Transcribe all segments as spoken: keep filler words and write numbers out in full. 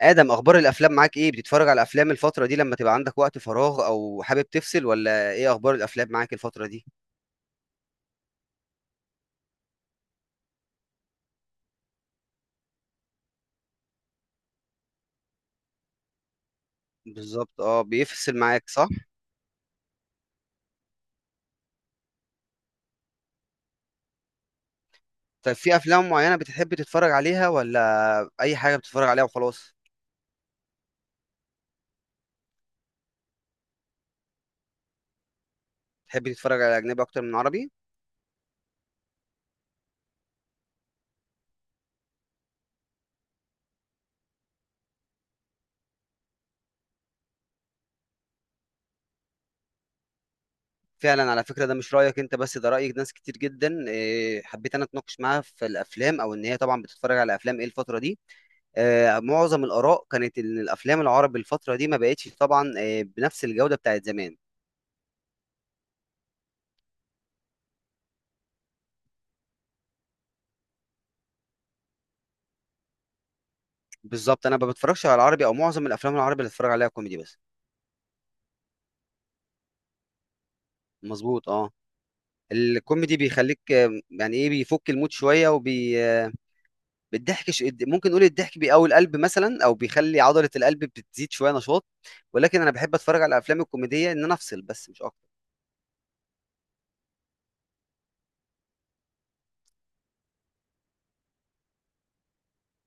آدم أخبار الأفلام معاك إيه؟ بتتفرج على أفلام الفترة دي لما تبقى عندك وقت فراغ، أو حابب تفصل، ولا إيه أخبار الأفلام معاك الفترة دي؟ بالظبط، أه بيفصل معاك صح؟ طيب في أفلام معينة بتحب تتفرج عليها، ولا أي حاجة بتتفرج عليها وخلاص؟ تحب تتفرج على أجنبي أكتر من عربي؟ فعلا، على فكرة، ده مش رأيك أنت بس، ده رأي ناس كتير جدا. إيه، حبيت أنا أتناقش معاها في الأفلام، أو إن هي طبعا بتتفرج على أفلام إيه الفترة دي. آه، معظم الآراء كانت إن الأفلام العربي الفترة دي ما بقتش طبعا، آه، بنفس الجودة بتاعت زمان. بالظبط، انا ما بتفرجش على العربي، او معظم الافلام العربي اللي بتفرج عليها كوميدي بس. مظبوط، اه. الكوميدي بيخليك، آه، يعني ايه، بيفك المود شويه وبي آه، بالضحك. ش- ممكن نقول الضحك بيقوي القلب مثلا، او بيخلي عضله القلب بتزيد شويه نشاط. ولكن انا بحب اتفرج على الافلام الكوميديه ان انا افصل بس، مش اكتر.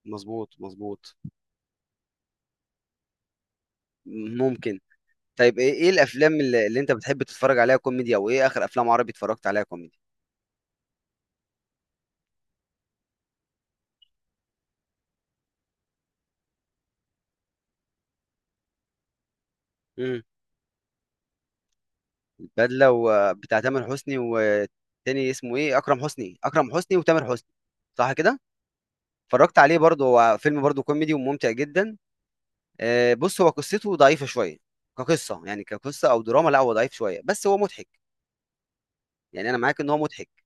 مظبوط مظبوط. ممكن. طيب، ايه إيه الافلام اللي, اللي انت بتحب تتفرج عليها كوميدي، او ايه اخر افلام عربي اتفرجت عليها كوميدي؟ البدله وبتاع تامر حسني، والتاني اسمه ايه، اكرم حسني. اكرم حسني وتامر حسني. صح كده. اتفرجت عليه برضه، هو فيلم برضه كوميدي وممتع جدا. آه، بص، هو قصته ضعيفه شويه. كقصه يعني، كقصه او دراما، لا هو ضعيف شويه بس هو مضحك. يعني انا معاك ان هو مضحك.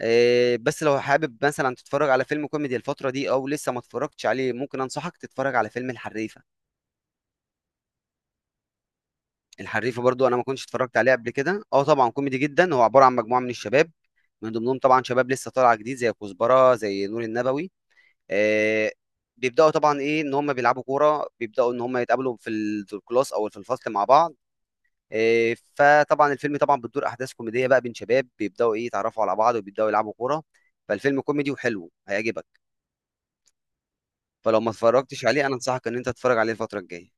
آه، بس لو حابب مثلا تتفرج على فيلم كوميدي الفتره دي، او لسه ما اتفرجتش عليه، ممكن انصحك تتفرج على فيلم الحريفه. الحريفه برضو انا ما كنتش اتفرجت عليه قبل كده، اه طبعا كوميدي جدا. هو عباره عن مجموعه من الشباب، من ضمنهم طبعا شباب لسه طالعه جديد زي كزبره، زي نور النبوي. آه. بيبداوا طبعا ايه ان هم بيلعبوا كوره، بيبداوا ان هم يتقابلوا في ال- في الكلاس او في الفصل مع بعض. آه، فطبعا الفيلم طبعا بتدور احداث كوميديه بقى بين شباب، بيبداوا ايه يتعرفوا على بعض، وبيبداوا يلعبوا كوره. فالفيلم كوميدي وحلو، هيعجبك. فلو ما اتفرجتش عليه انا انصحك ان انت تتفرج عليه الفتره الجايه.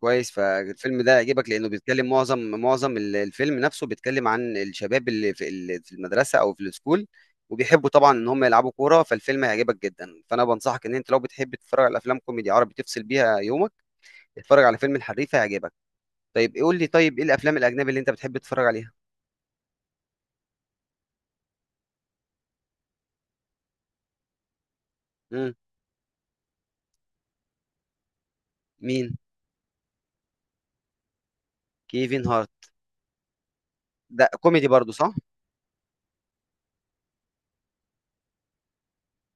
كويس. فالفيلم ده يعجبك لانه بيتكلم معظم معظم ال- الفيلم نفسه بيتكلم عن الشباب اللي في ال- في المدرسه او في السكول، وبيحبوا طبعا ان هم يلعبوا كوره. فالفيلم هيعجبك جدا، فانا بنصحك ان انت لو بتحب تتفرج على افلام كوميدي عربي تفصل بيها يومك، اتفرج على فيلم الحريف، هيعجبك. طيب، قول لي، طيب ايه الافلام الاجنبي اللي انت بتحب تتفرج عليها؟ امم. مين؟ كيفن هارت؟ ده كوميدي برضو صح؟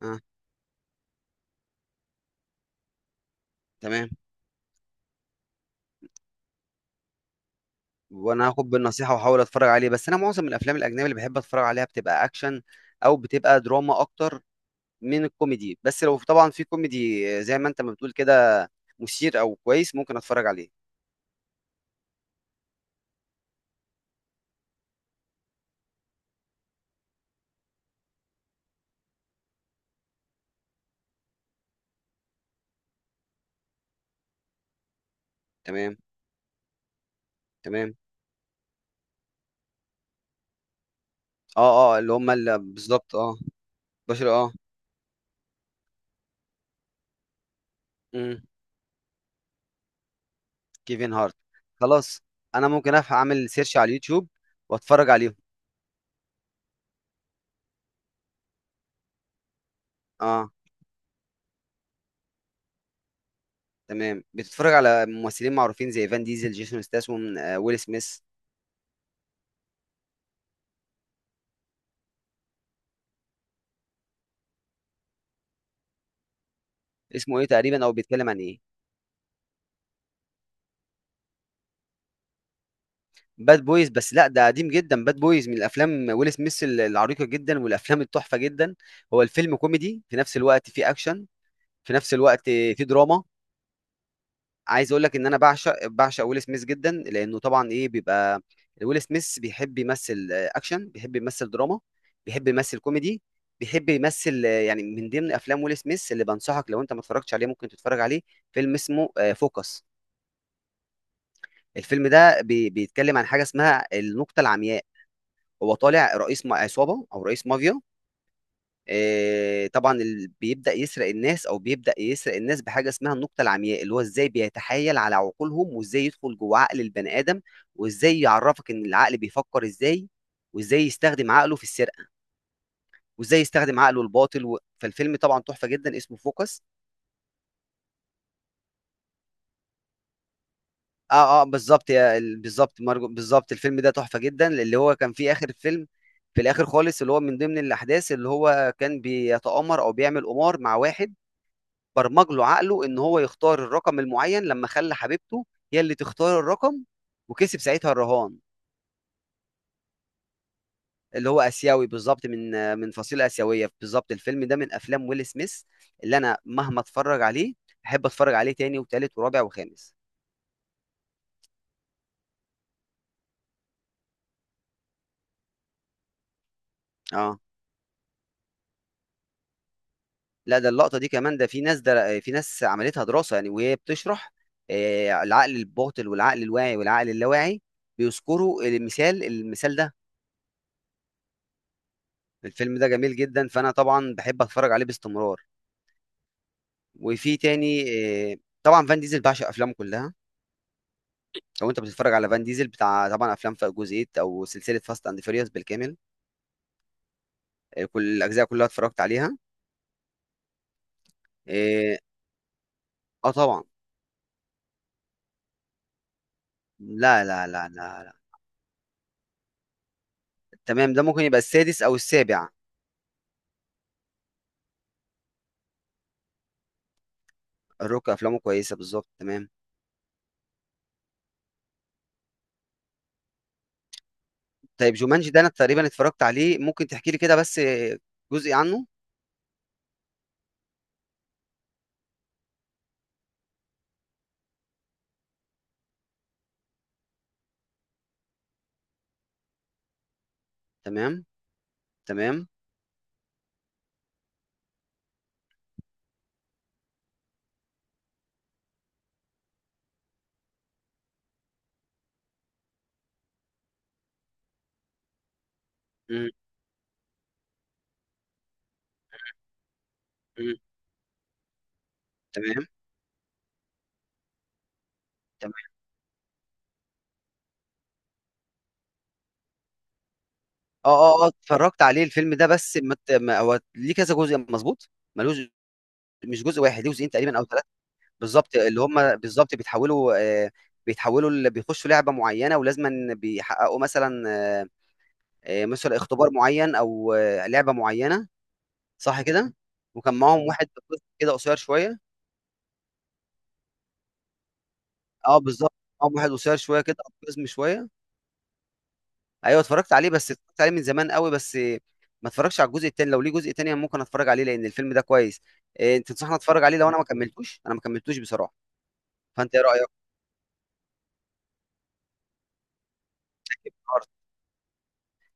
اه. تمام. وانا هاخد بالنصيحه واحاول اتفرج عليه. بس انا معظم الافلام الاجنبي اللي بحب اتفرج عليها بتبقى اكشن، او بتبقى دراما اكتر من الكوميدي. بس لو طبعا في كوميدي، آه، زي ما انت ما بتقول كده، مثير او كويس، ممكن اتفرج عليه. تمام. تمام. اه اه، اللي هم اللي بالظبط اه. بشر، اه. مم. كيفن هارت. خلاص. انا ممكن أف- اعمل سيرش على اليوتيوب واتفرج عليهم. اه. تمام. بتتفرج على ممثلين معروفين زي فان ديزل، جيسون ستاثام، آه، ويل سميث. اسمه ايه تقريبا، او بيتكلم عن ايه؟ باد بويز؟ بس لا ده قديم جدا. باد بويز من الافلام ويل سميث ال- العريقه جدا، والافلام التحفه جدا. هو الفيلم كوميدي في نفس الوقت فيه اكشن، في نفس الوقت في دراما. عايز اقول لك ان انا بعشق بعشق ويل سميث جدا، لانه طبعا ايه بيبقى ويل سميث بيحب يمثل آه، اكشن، بيحب يمثل دراما، بيحب يمثل كوميدي، بيحب يمثل آه، يعني. من ضمن افلام ويل سميث اللي بنصحك لو انت ما اتفرجتش عليه، ممكن تتفرج عليه، فيلم اسمه آه، فوكس. الفيلم ده بي- بيتكلم عن حاجه اسمها النقطه العمياء. هو طالع رئيس م- عصابه، او رئيس مافيا. آه، طبعا اللي بيبدأ يسرق الناس، او بيبدأ يسرق الناس بحاجة اسمها النقطة العمياء، اللي هو ازاي بيتحايل على عقولهم، وازاي يدخل جوه عقل البني آدم، وازاي يعرفك ان العقل بيفكر ازاي، وازاي يستخدم عقله في السرقة، وازاي يستخدم عقله الباطل و... فالفيلم طبعا تحفة جدا، اسمه فوكس. اه اه، بالظبط يا ال- بالظبط مرجو، بالظبط. الفيلم ده تحفة جدا، اللي هو كان فيه آخر الفيلم، في الآخر خالص، اللي هو من ضمن الأحداث اللي هو كان بيتآمر او بيعمل قمار مع واحد، برمج له عقله ان هو يختار الرقم المعين، لما خلى حبيبته هي اللي تختار الرقم، وكسب ساعتها الرهان. اللي هو اسيوي، بالظبط، من من فصيله اسيويه، بالظبط. الفيلم ده من افلام ويل سميث اللي انا مهما اتفرج عليه احب اتفرج عليه تاني وتالت ورابع وخامس. اه، لا ده اللقطه دي كمان، ده في ناس ده في ناس عملتها دراسه يعني، وهي بتشرح آه، العقل الباطن والعقل الواعي والعقل اللاواعي، بيذكروا المثال المثال ده. الفيلم ده جميل جدا، فانا طبعا بحب اتفرج عليه باستمرار. وفي تاني. آه، طبعا فان ديزل بعشق افلامه كلها. لو انت بتتفرج على فان ديزل بتاع، طبعا افلام في جزئيه او سلسله فاست اند فيريوس بالكامل. آه، كل الاجزاء كلها اتفرجت عليها. اه. آه طبعا. لا لا لا لا لا. تمام، ده ممكن يبقى السادس او السابع. الروك افلامه كويسه، بالظبط، تمام. طيب جومانجي ده انا تقريبا اتفرجت عليه، ممكن تحكي لي كده بس آه، جزء عنه. تمام. تمام. مم، مم، تمام. تمام. اه اه اه، اتفرجت عليه الفيلم ده، بس مت... ما هو ليه كذا جزء، مظبوط. ملوش، مش جزء واحد، ليه جزئين تقريبًا أو ثلاثة. بالضبط، اللي هم بالضبط بيتحولوا، آآ بيتحولوا ل بيخشوا لعبة معيّنة، ولازمًا بيحققوا مثلًا، آآ مثلًا اختبار معيّن، أو آه، لعبة معيّنة. صح كده؟ وكان معاهم واحد قزم كده، قصير شوية. آه بالضبط، معاهم واحد قصير شوية كده أو قزم شوية. أيوه اتفرّجت عليه، بس اتفرّجت عليه من زمان أوي، بس ما اتفرّجتش على الجزء التاني. لو ليه جزء تاني أنا ممكن اتفرّج عليه، لإن الفيلم ده كويس. آآ تنصحني اتفرّج عليه لو أنا ما كمّلتوش؟ أنا ما كمّلتوش بصراحة. فأنت إيه رأيك؟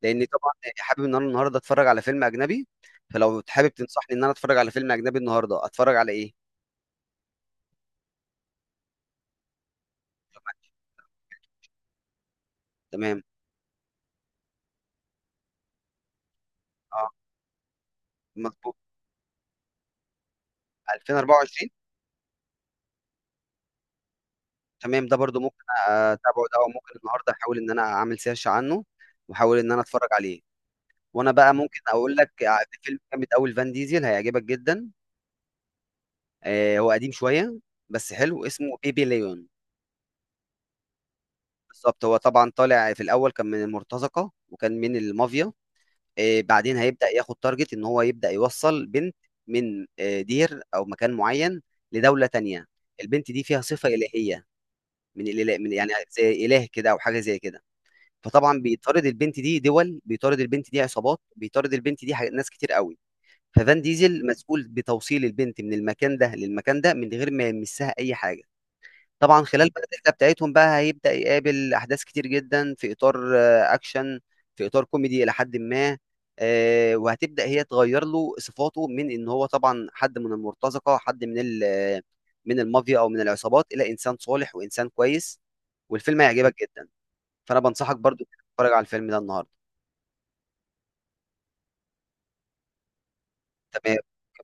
لان طبعا حابب ان انا النهارده اتفرج على فيلم اجنبي. فلو حابب تنصحني ان انا اتفرج على فيلم اجنبي النهارده، اتفرج على ايه؟ تمام. اه. مظبوط. ألفين وأربعة وعشرين. تمام، ده برضو ممكن اتابعه ده، او ممكن النهارده احاول ان انا اعمل سيرش عنه واحاول ان انا اتفرج عليه. وانا بقى ممكن اقول لك فيلم جامد قوي، فان ديزل، هيعجبك جدا. آه هو قديم شويه بس حلو، اسمه بيبي ليون. بالظبط، هو طبعا طالع في الاول كان من المرتزقه وكان من المافيا. آه، بعدين هيبدأ ياخد تارجت ان هو يبدأ يوصل بنت من آه، دير او مكان معين لدولة تانية. البنت دي فيها صفة إلهية، من الإله، من يعني زي إله كده او حاجة زي كده. فطبعا بيطارد البنت دي، دول بيطارد البنت دي عصابات، بيطارد البنت دي حاجات- ناس كتير قوي. ففان ديزل مسؤول بتوصيل البنت من المكان ده للمكان ده من غير ما يمسها اي حاجة. طبعا خلال بقى الرحله بتاعتهم بقى هيبدا يقابل احداث كتير جدا، في اطار آه، اكشن، في اطار كوميدي الى حد ما. آه، وهتبدا هي تغير له صفاته، من ان هو طبعا حد من المرتزقه، حد من ال- آه، من المافيا او من العصابات، الى انسان صالح وانسان كويس. والفيلم هيعجبك جدا. فانا بنصحك برضو إنك تتفرج على الفيلم ده النهارده. تمام.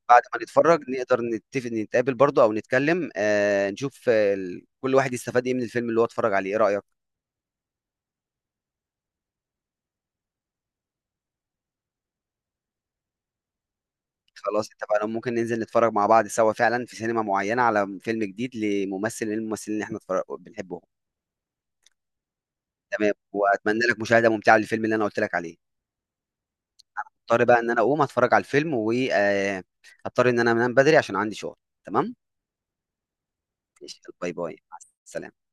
بعد ما نتفرج نقدر نتفق نتقابل برضو، او نتكلم، آه، نشوف، آه، ال- كل واحد يستفاد ايه من الفيلم اللي هو اتفرج عليه، ايه رايك؟ خلاص اتفقنا. ممكن ننزل نتفرج مع بعض سوا فعلا في سينما معينة على فيلم جديد لممثل من الممثلين اللي احنا اتفرج- بنحبهم. تمام، واتمنى لك مشاهدة ممتعة للفيلم اللي انا قلت لك عليه. اضطر بقى ان انا اقوم اتفرج على الفيلم، واضطر ان انا انام بدري عشان عندي شغل. تمام ماشي، باي باي، مع السلامة.